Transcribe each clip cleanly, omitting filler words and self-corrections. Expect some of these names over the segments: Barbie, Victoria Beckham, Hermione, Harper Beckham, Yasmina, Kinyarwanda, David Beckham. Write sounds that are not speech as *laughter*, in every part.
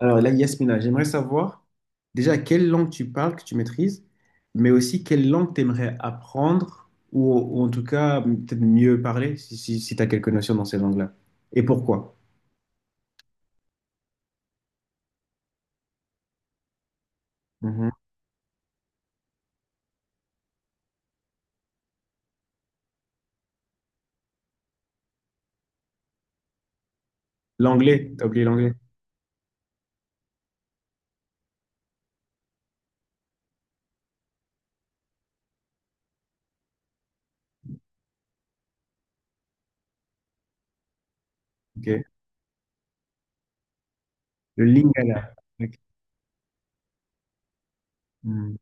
Alors là, Yasmina, j'aimerais savoir déjà quelle langue tu parles, que tu maîtrises, mais aussi quelle langue tu aimerais apprendre ou en tout cas peut-être mieux parler si, tu as quelques notions dans ces langues-là. Et pourquoi? Mhm. L'anglais, t'as oublié l'anglais. Ok. Le lingala. Ok. Mhm.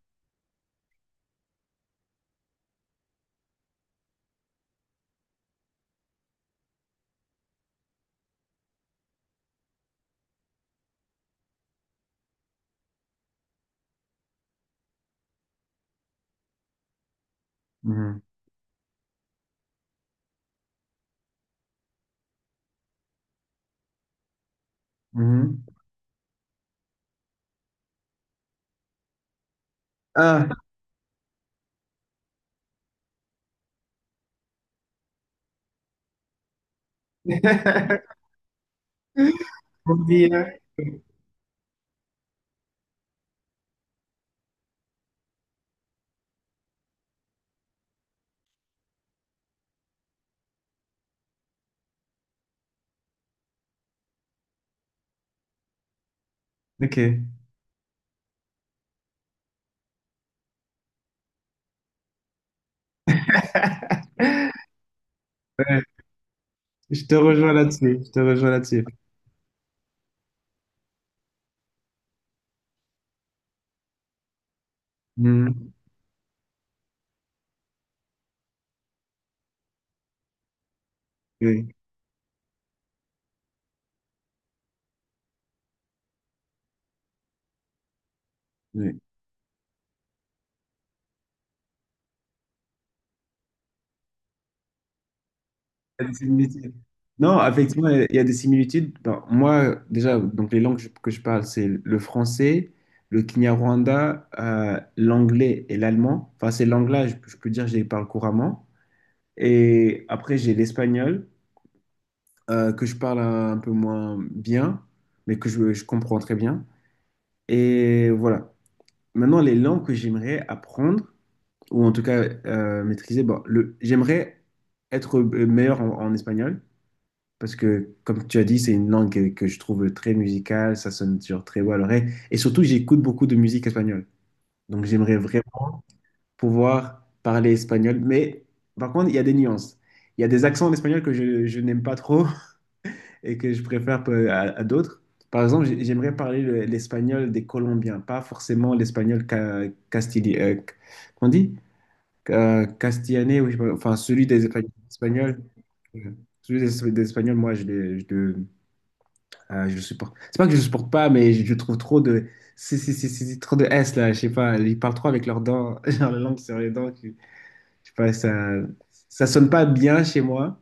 Mhm. Mhm. Ah, *laughs* on dit, hein. Ok. *laughs* Ouais, je te rejoins là-dessus. Je te rejoins là-dessus. Mhm. Oui. Oui. Il y a des similitudes. Non, effectivement, il y a des similitudes. Ben, moi, déjà, donc les langues que je parle, c'est le français, le Kinyarwanda, l'anglais et l'allemand. Enfin, ces langues-là, je peux dire, je les parle couramment. Et après, j'ai l'espagnol, que je parle un peu moins bien, mais que je comprends très bien. Et voilà. Maintenant, les langues que j'aimerais apprendre, ou en tout cas maîtriser, bon, j'aimerais être meilleur en espagnol. Parce que, comme tu as dit, c'est une langue que je trouve très musicale, ça sonne toujours très beau à l'oreille. Et surtout, j'écoute beaucoup de musique espagnole. Donc, j'aimerais vraiment pouvoir parler espagnol. Mais par contre, il y a des nuances. Il y a des accents en espagnol que je n'aime pas trop *laughs* et que je préfère peu- à d'autres. Par exemple, j'aimerais parler le- l'espagnol des Colombiens, pas forcément l'espagnol ca, castili- qu'on dit? Castillané, oui, je sais pas, enfin, celui des Espagnols. Espagnols. euh, Celui des Espagnols, moi, je le supporte. C'est pas que je le supporte pas, mais je trouve trop de. C'est trop de S là, je sais pas. Ils parlent trop avec leurs dents, *laughs* genre la langue sur les dents. Que- je sais pas, ça sonne pas bien chez moi.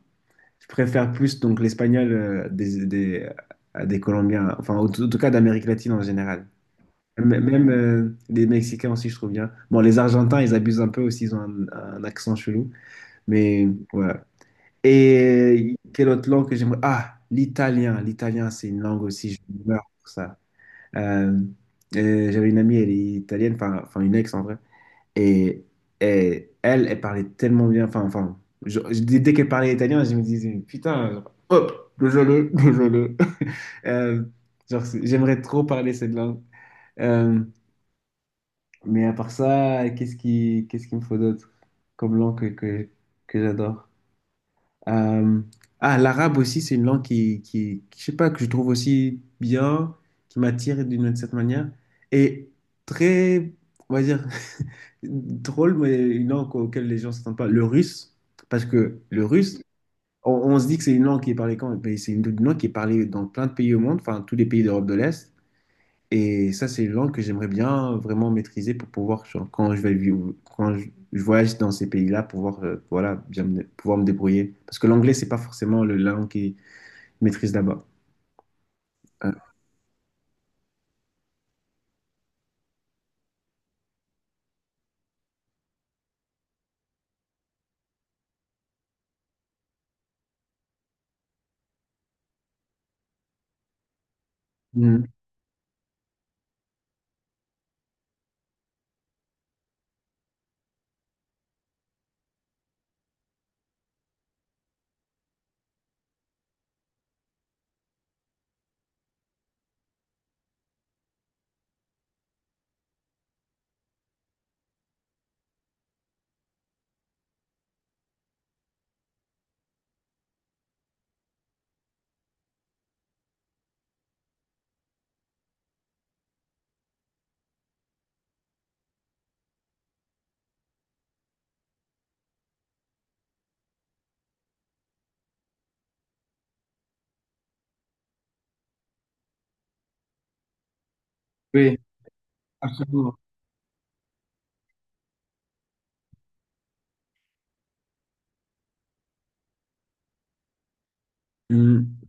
Je préfère plus donc l'espagnol des Colombiens, enfin, en tout cas d'Amérique latine en général. M- Même les Mexicains aussi, je trouve bien. Bon, les Argentins, ils abusent un peu aussi, ils ont un accent chelou, mais voilà. Et quelle autre langue que j'aimerais? Ah, l'italien. L'italien, c'est une langue aussi, je meurs pour ça. Euh, et j'avais une amie, elle est italienne, enfin une ex en vrai. Et, et elle, elle parlait tellement bien. Enfin, enfin, dès qu'elle parlait italien, je me disais, putain, genre, hop, le jeu le. *laughs* Euh, genre, c'est- j'aimerais trop parler cette langue. Euh, mais à part ça, qu'est-ce qu'il me faut d'autre comme langue que, que j'adore? Euh, ah, l'arabe aussi, c'est une langue qui- je sais pas, que je trouve aussi bien, qui m'attire d'une certaine manière. Et très, on va dire, *laughs* drôle, mais une langue auquel les gens ne s'attendent pas. Le russe, parce que le russe, on se dit que c'est une langue qui est parlée quand? Mais c'est une langue qui est parlée dans plein de pays au monde, enfin, tous les pays d'Europe de l'Est. Et ça, c'est une langue que j'aimerais bien vraiment maîtriser pour pouvoir, genre, quand je vais vivre, je voyage dans ces pays-là, pouvoir, voilà, bien me- pouvoir me débrouiller. Parce que l'anglais, c'est pas forcément le la langue qu'ils maîtrisent là-bas. Euh, mm, Oui, absolument. mm,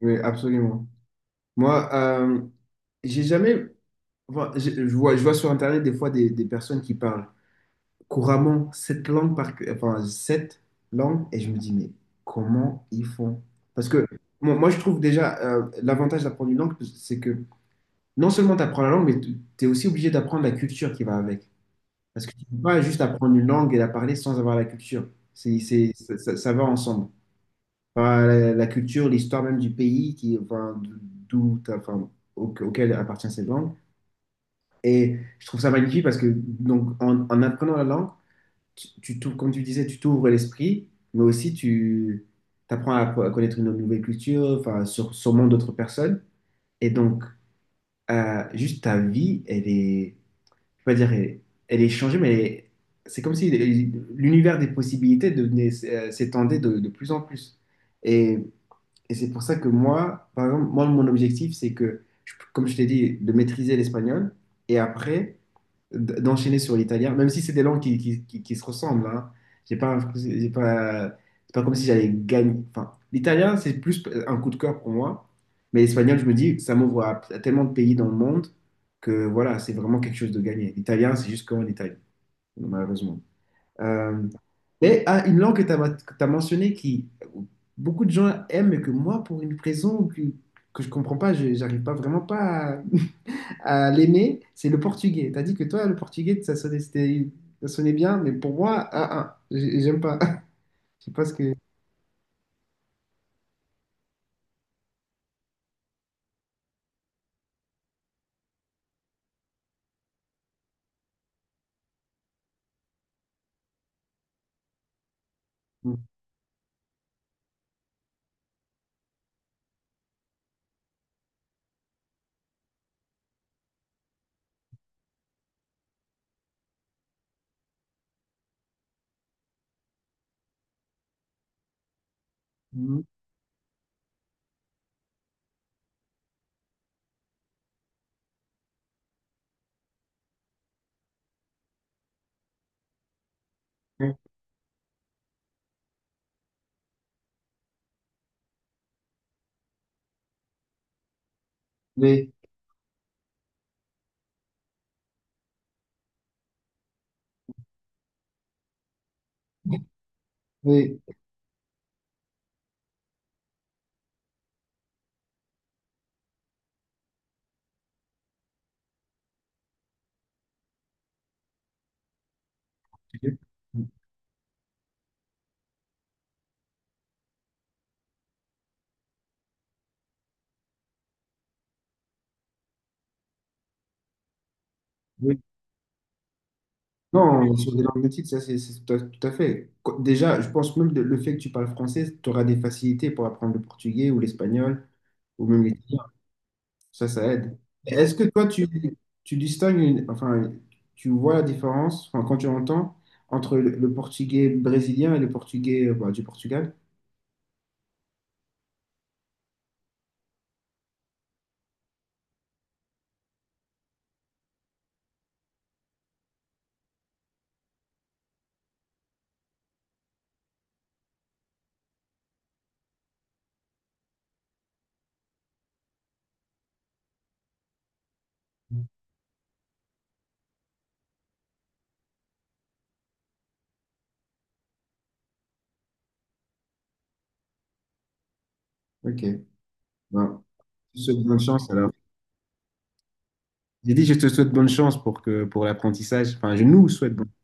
Oui, absolument. Moi, j'ai jamais enfin, des personnes qui parlent couramment cette langue par cœur- enfin cette langue et je me dis mais comment ils font? Parce que je trouve déjà l'avantage d'apprendre une langue c'est que non seulement tu apprends la langue, mais tu es aussi obligé d'apprendre la culture qui va avec. Parce que tu ne peux pas juste apprendre une langue et la parler sans avoir la culture. Ça va ensemble. Enfin, la culture, l'histoire même du pays qui, enfin, d'où, t'as- enfin, au- auquel appartient cette langue. Et je trouve ça magnifique parce que donc, en apprenant la langue, tu t'ouvres- comme tu disais, tu t'ouvres l'esprit, mais aussi tu apprends à connaître une nouvelle culture, enfin, sur, sûrement d'autres personnes. Et donc, juste ta vie, elle est je vais pas dire, elle, elle est changée, mais elle est- c'est comme si l'univers des possibilités devenait, s'étendait de plus en plus. Et, et c'est pour ça que moi, par exemple, moi, mon objectif, c'est que, je- comme je t'ai dit, de maîtriser l'espagnol. Et après, d'enchaîner sur l'italien, même si c'est des langues qui se ressemblent. Hein. J'ai pas, un- j'ai pas, c'est pas comme si j'allais gagner. Enfin, l'italien, c'est plus un coup de cœur pour moi, mais l'espagnol, je me dis, ça m'ouvre à tellement de pays dans le monde que voilà, c'est vraiment quelque chose de gagné. L'italien, c'est juste qu'en Italie, malheureusement. Euh, mais ah, une langue que tu as, mentionnée qui beaucoup de gens aiment, mais que moi, pour une raison que je comprends pas, je j'arrive pas vraiment pas à l'aimer, c'est le portugais. T'as dit que toi, le portugais, ça sonnait, c'était- ça sonnait bien, mais pour moi, ah, j'ai- j'aime pas. *laughs* Je sais pas ce que. Mhm. Mais, mais, mais- non, sur des langues nautiques, ça, c'est tout à, tout à fait. Qu- Déjà, je pense même de- le fait que tu parles français, tu auras des facilités pour apprendre le portugais ou l'espagnol ou même l'italien. Ça aide. Est-ce que tu distingues, une- enfin, tu vois la différence, enfin, quand tu entends, entre le portugais brésilien et le portugais, bah, du Portugal? Ok. Bon, je te souhaite bonne chance alors. J'ai dit, je te souhaite bonne chance pour que pour l'apprentissage. Enfin, je nous souhaite bonne chance.